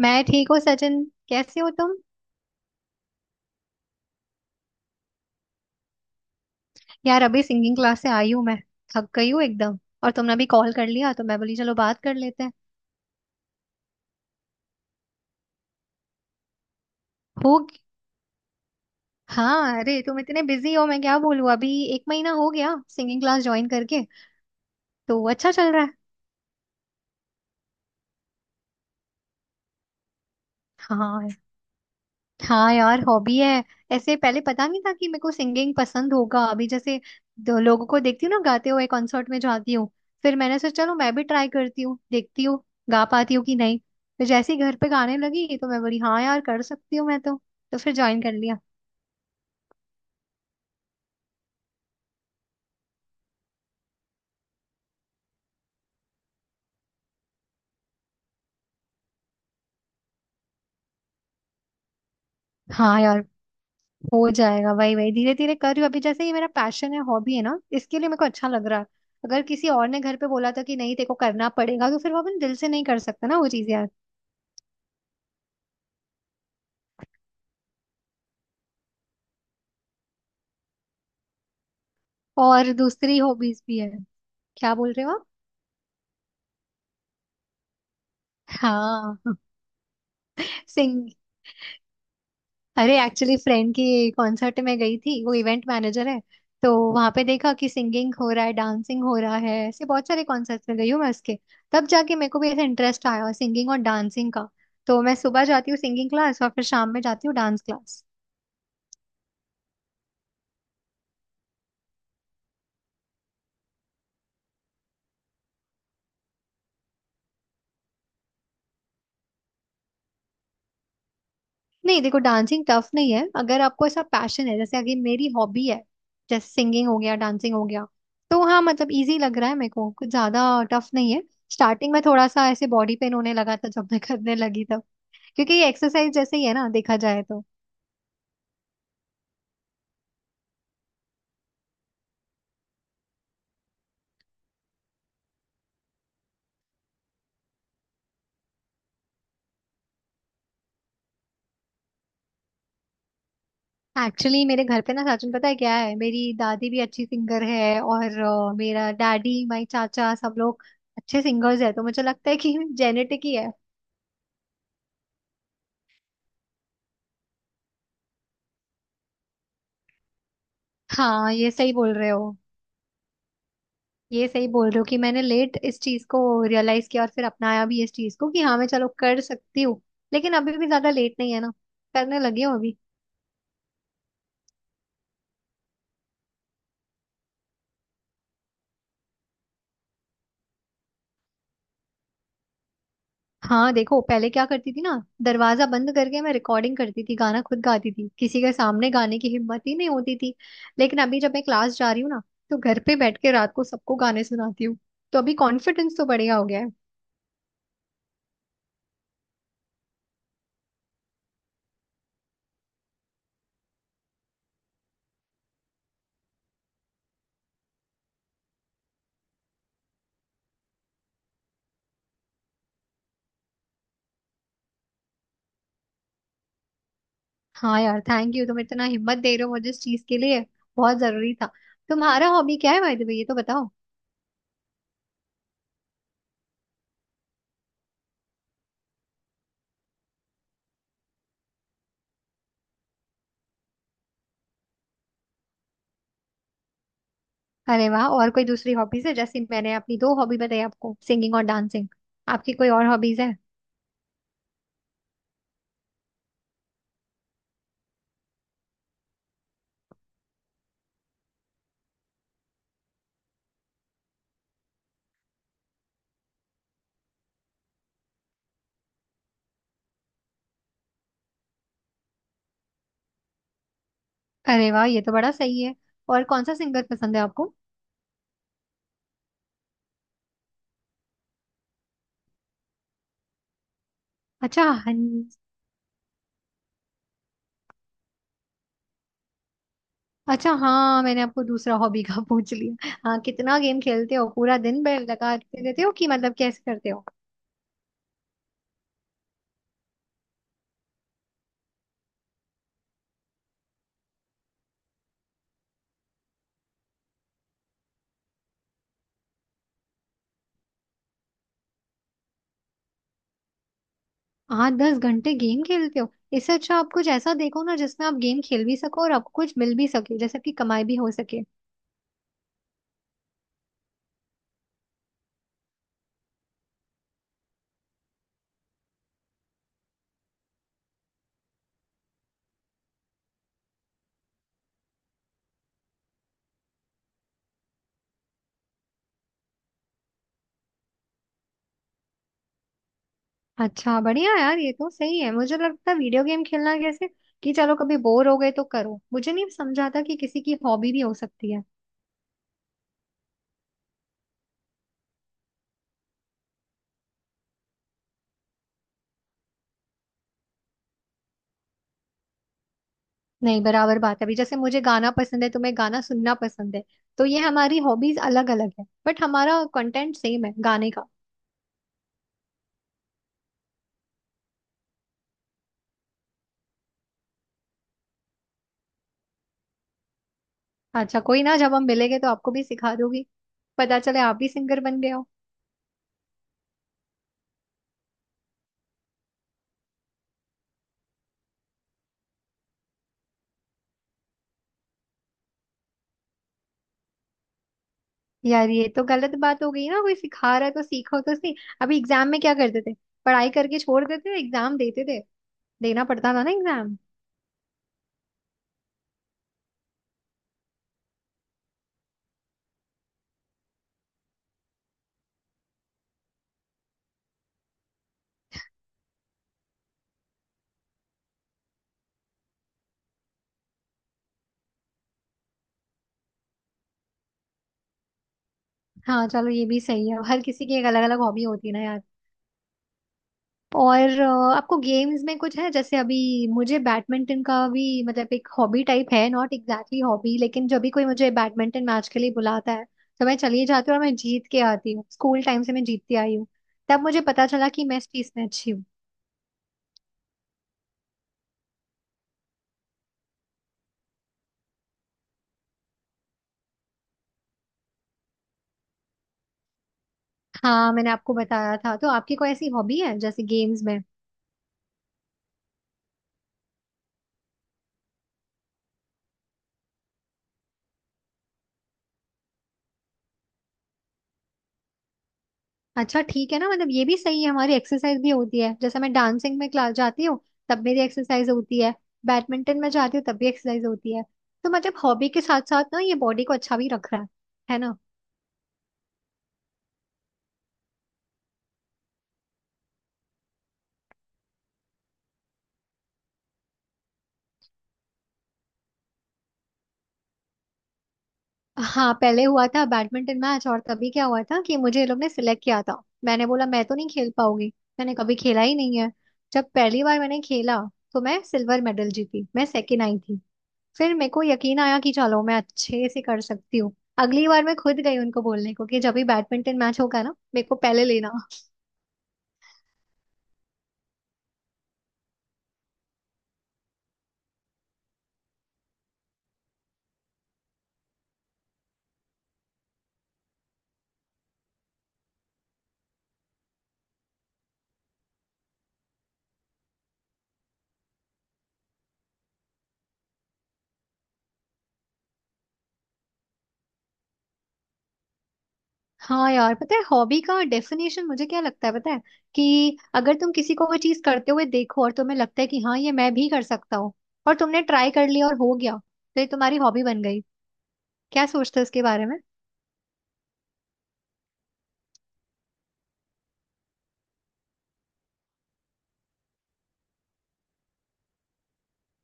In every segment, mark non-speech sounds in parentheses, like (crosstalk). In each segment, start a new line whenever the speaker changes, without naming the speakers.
मैं ठीक हूँ सचिन। कैसे हो तुम? यार अभी सिंगिंग क्लास से आई हूँ मैं। थक गई हूँ एकदम। और तुमने भी कॉल कर लिया तो मैं बोली चलो बात कर लेते हैं। हो ग- हाँ अरे तुम इतने बिजी हो मैं क्या बोलूँ। अभी एक महीना हो गया सिंगिंग क्लास ज्वाइन करके। तो अच्छा चल रहा है। हाँ। हाँ यार हॉबी है। ऐसे पहले पता नहीं था कि मेरे को सिंगिंग पसंद होगा। अभी जैसे दो लोगों को देखती हूँ ना गाते हुए, कॉन्सर्ट में जाती हूँ। फिर मैंने सोचा चलो मैं भी ट्राई करती हूँ, देखती हूँ गा पाती हूँ कि नहीं। फिर जैसे ही घर पे गाने लगी तो मैं बोली हाँ यार कर सकती हूँ मैं तो। तो फिर ज्वाइन कर लिया। हाँ यार हो जाएगा। वही वही धीरे धीरे कर रही हूँ अभी। जैसे ये मेरा पैशन है, हॉबी है ना, इसके लिए मेरे को अच्छा लग रहा है। अगर किसी और ने घर पे बोला था कि नहीं तेरे को करना पड़ेगा तो फिर वो अपन दिल से नहीं कर सकता ना वो चीज यार। और दूसरी हॉबीज भी है। क्या बोल रहे हो आप? हाँ। सिंग। अरे एक्चुअली फ्रेंड की कॉन्सर्ट में गई थी, वो इवेंट मैनेजर है। तो वहां पे देखा कि सिंगिंग हो रहा है, डांसिंग हो रहा है। ऐसे बहुत सारे कॉन्सर्ट्स में गई हूँ मैं उसके। तब जाके मेरे को भी ऐसा इंटरेस्ट आया सिंगिंग और डांसिंग का। तो मैं सुबह जाती हूँ सिंगिंग क्लास और फिर शाम में जाती हूँ डांस क्लास। नहीं, देखो डांसिंग टफ नहीं है। अगर आपको ऐसा पैशन है, जैसे अगर मेरी हॉबी है, जैसे सिंगिंग हो गया, डांसिंग हो गया, तो हाँ मतलब इजी लग रहा है मेरे को कुछ ज्यादा। टफ नहीं है। स्टार्टिंग में थोड़ा सा ऐसे बॉडी पेन होने लगा था जब मैं करने लगी तब। क्योंकि ये एक्सरसाइज जैसे ही है ना देखा जाए तो। एक्चुअली मेरे घर पे ना सचिन, पता है क्या है, मेरी दादी भी अच्छी सिंगर है और मेरा डैडी, माई चाचा, सब लोग अच्छे सिंगर्स है। तो मुझे लगता है कि जेनेटिक ही है। हाँ ये सही बोल रहे हो। ये सही बोल रहे हो कि मैंने लेट इस चीज को रियलाइज किया और फिर अपनाया भी इस चीज को कि हाँ मैं चलो कर सकती हूँ। लेकिन अभी भी ज्यादा लेट नहीं है ना। करने लगी हूँ अभी। हाँ देखो पहले क्या करती थी ना, दरवाजा बंद करके मैं रिकॉर्डिंग करती थी, गाना खुद गाती थी, किसी के सामने गाने की हिम्मत ही नहीं होती थी। लेकिन अभी जब मैं क्लास जा रही हूँ ना तो घर पे बैठ के रात को सबको गाने सुनाती हूँ। तो अभी कॉन्फिडेंस तो बढ़िया हो गया है। हाँ यार थैंक यू, तुम इतना हिम्मत दे रहे हो मुझे इस चीज के लिए। बहुत जरूरी था। तुम्हारा हॉबी क्या है बाय द वे, ये तो बताओ। अरे वाह। और कोई दूसरी हॉबीज है? जैसे मैंने अपनी दो हॉबी बताई आपको, सिंगिंग और डांसिंग। आपकी कोई और हॉबीज है? अरे वाह, ये तो बड़ा सही है। और कौन सा सिंगर पसंद है आपको? अच्छा हन... अच्छा हाँ मैंने आपको दूसरा हॉबी का (laughs) पूछ लिया। हाँ कितना गेम खेलते हो? पूरा दिन बैल लगाते रहते हो कि मतलब कैसे करते हो? हाँ दस घंटे गेम खेलते हो। इससे अच्छा आप कुछ ऐसा देखो ना जिसमें आप गेम खेल भी सको और आपको कुछ मिल भी सके, जैसे आपकी कमाई भी हो सके। अच्छा बढ़िया यार, ये तो सही है। मुझे लगता है वीडियो गेम खेलना कैसे कि चलो कभी बोर हो गए तो करो। मुझे नहीं समझा था कि किसी की हॉबी भी हो सकती है। नहीं बराबर बात है। अभी जैसे मुझे गाना पसंद है, तुम्हें गाना सुनना पसंद है। तो ये हमारी हॉबीज अलग अलग है बट हमारा कंटेंट सेम है गाने का। अच्छा कोई ना, जब हम मिलेंगे तो आपको भी सिखा दोगी। पता चले आप भी सिंगर बन गए हो। यार ये तो गलत बात हो गई ना, कोई सिखा रहा है तो सीखो तो सही। अभी एग्जाम में क्या करते थे? पढ़ाई करके छोड़ देते थे, एग्जाम देते थे। देना पड़ता था ना एग्जाम। हाँ चलो ये भी सही है, हर किसी की एक अलग अलग हॉबी होती है ना यार। और आपको गेम्स में कुछ है जैसे अभी? मुझे बैडमिंटन का भी मतलब एक हॉबी टाइप है, नॉट एग्जैक्टली हॉबी, लेकिन जब भी कोई मुझे बैडमिंटन मैच के लिए बुलाता है तो मैं चली जाती हूँ और मैं जीत के आती हूँ। स्कूल टाइम से मैं जीतती आई हूँ। तब मुझे पता चला कि मैं इस चीज में अच्छी हूँ। हाँ मैंने आपको बताया था। तो आपकी कोई ऐसी हॉबी है जैसे गेम्स में? अच्छा ठीक है ना, मतलब ये भी सही है, हमारी एक्सरसाइज भी होती है। जैसे मैं डांसिंग में क्लास जाती हूँ तब मेरी एक्सरसाइज होती है। बैडमिंटन में जाती हूँ तब भी एक्सरसाइज होती है। तो मतलब हॉबी के साथ साथ ना ये बॉडी को अच्छा भी रख रहा है। है ना? हाँ पहले हुआ था बैडमिंटन मैच और तभी क्या हुआ था कि मुझे ये लोग ने सिलेक्ट किया था। मैंने बोला मैं तो नहीं खेल पाऊंगी, मैंने कभी खेला ही नहीं है। जब पहली बार मैंने खेला तो मैं सिल्वर मेडल जीती, मैं सेकेंड आई थी। फिर मेरे को यकीन आया कि चलो मैं अच्छे से कर सकती हूँ। अगली बार मैं खुद गई उनको बोलने को कि जब भी बैडमिंटन मैच होगा ना मेरे को पहले लेना। हाँ यार पता है हॉबी का डेफिनेशन मुझे क्या लगता है पता है? कि अगर तुम किसी को वो चीज करते हुए देखो और तुम्हें लगता है कि हाँ ये मैं भी कर सकता हूँ, और तुमने ट्राई कर लिया और हो गया, तो ये तुम्हारी हॉबी बन गई। क्या सोचते हो इसके बारे में?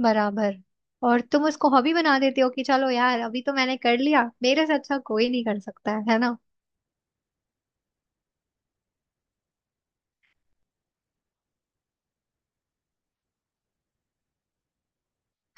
बराबर। और तुम उसको हॉबी बना देते हो कि चलो यार अभी तो मैंने कर लिया, मेरे से अच्छा कोई नहीं कर सकता है। है ना?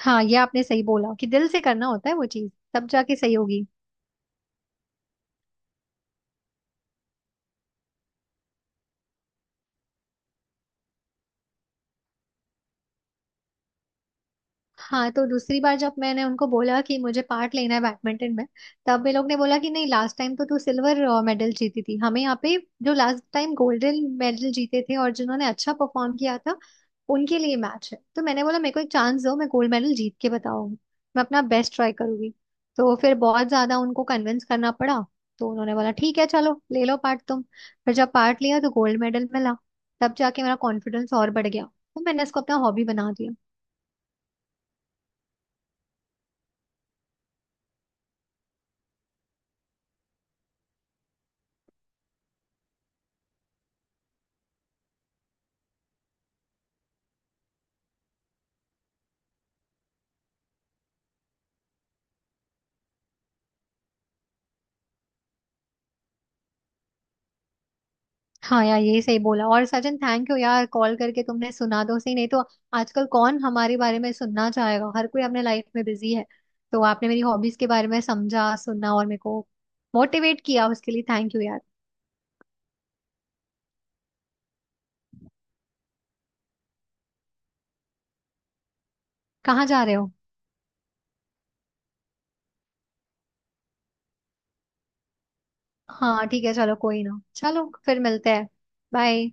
हाँ ये आपने सही बोला कि दिल से करना होता है वो चीज, तब जाके सही होगी। हाँ तो दूसरी बार जब मैंने उनको बोला कि मुझे पार्ट लेना है बैडमिंटन में, तब वे लोग ने बोला कि नहीं लास्ट टाइम तो तू सिल्वर मेडल जीती थी हमें यहाँ पे। जो लास्ट टाइम गोल्डन मेडल जीते थे और जिन्होंने अच्छा परफॉर्म किया था उनके लिए मैच है। तो मैंने बोला मेरे को एक चांस दो, मैं गोल्ड मेडल जीत के बताऊंगी, मैं अपना बेस्ट ट्राई करूंगी। तो फिर बहुत ज्यादा उनको कन्विंस करना पड़ा। तो उन्होंने बोला ठीक है चलो ले लो पार्ट तुम। फिर जब पार्ट लिया तो गोल्ड मेडल मिला। तब जाके मेरा कॉन्फिडेंस और बढ़ गया, तो मैंने इसको अपना हॉबी बना दिया। हाँ यार यही सही बोला। और सचिन थैंक यू यार, कॉल करके तुमने सुना दो सही, नहीं तो आजकल कौन हमारे बारे में सुनना चाहेगा, हर कोई अपने लाइफ में बिजी है। तो आपने मेरी हॉबीज के बारे में समझा, सुना और मेरे को मोटिवेट किया उसके लिए थैंक यू यार। कहाँ जा रहे हो? हाँ ठीक है चलो कोई ना, चलो फिर मिलते हैं। बाय।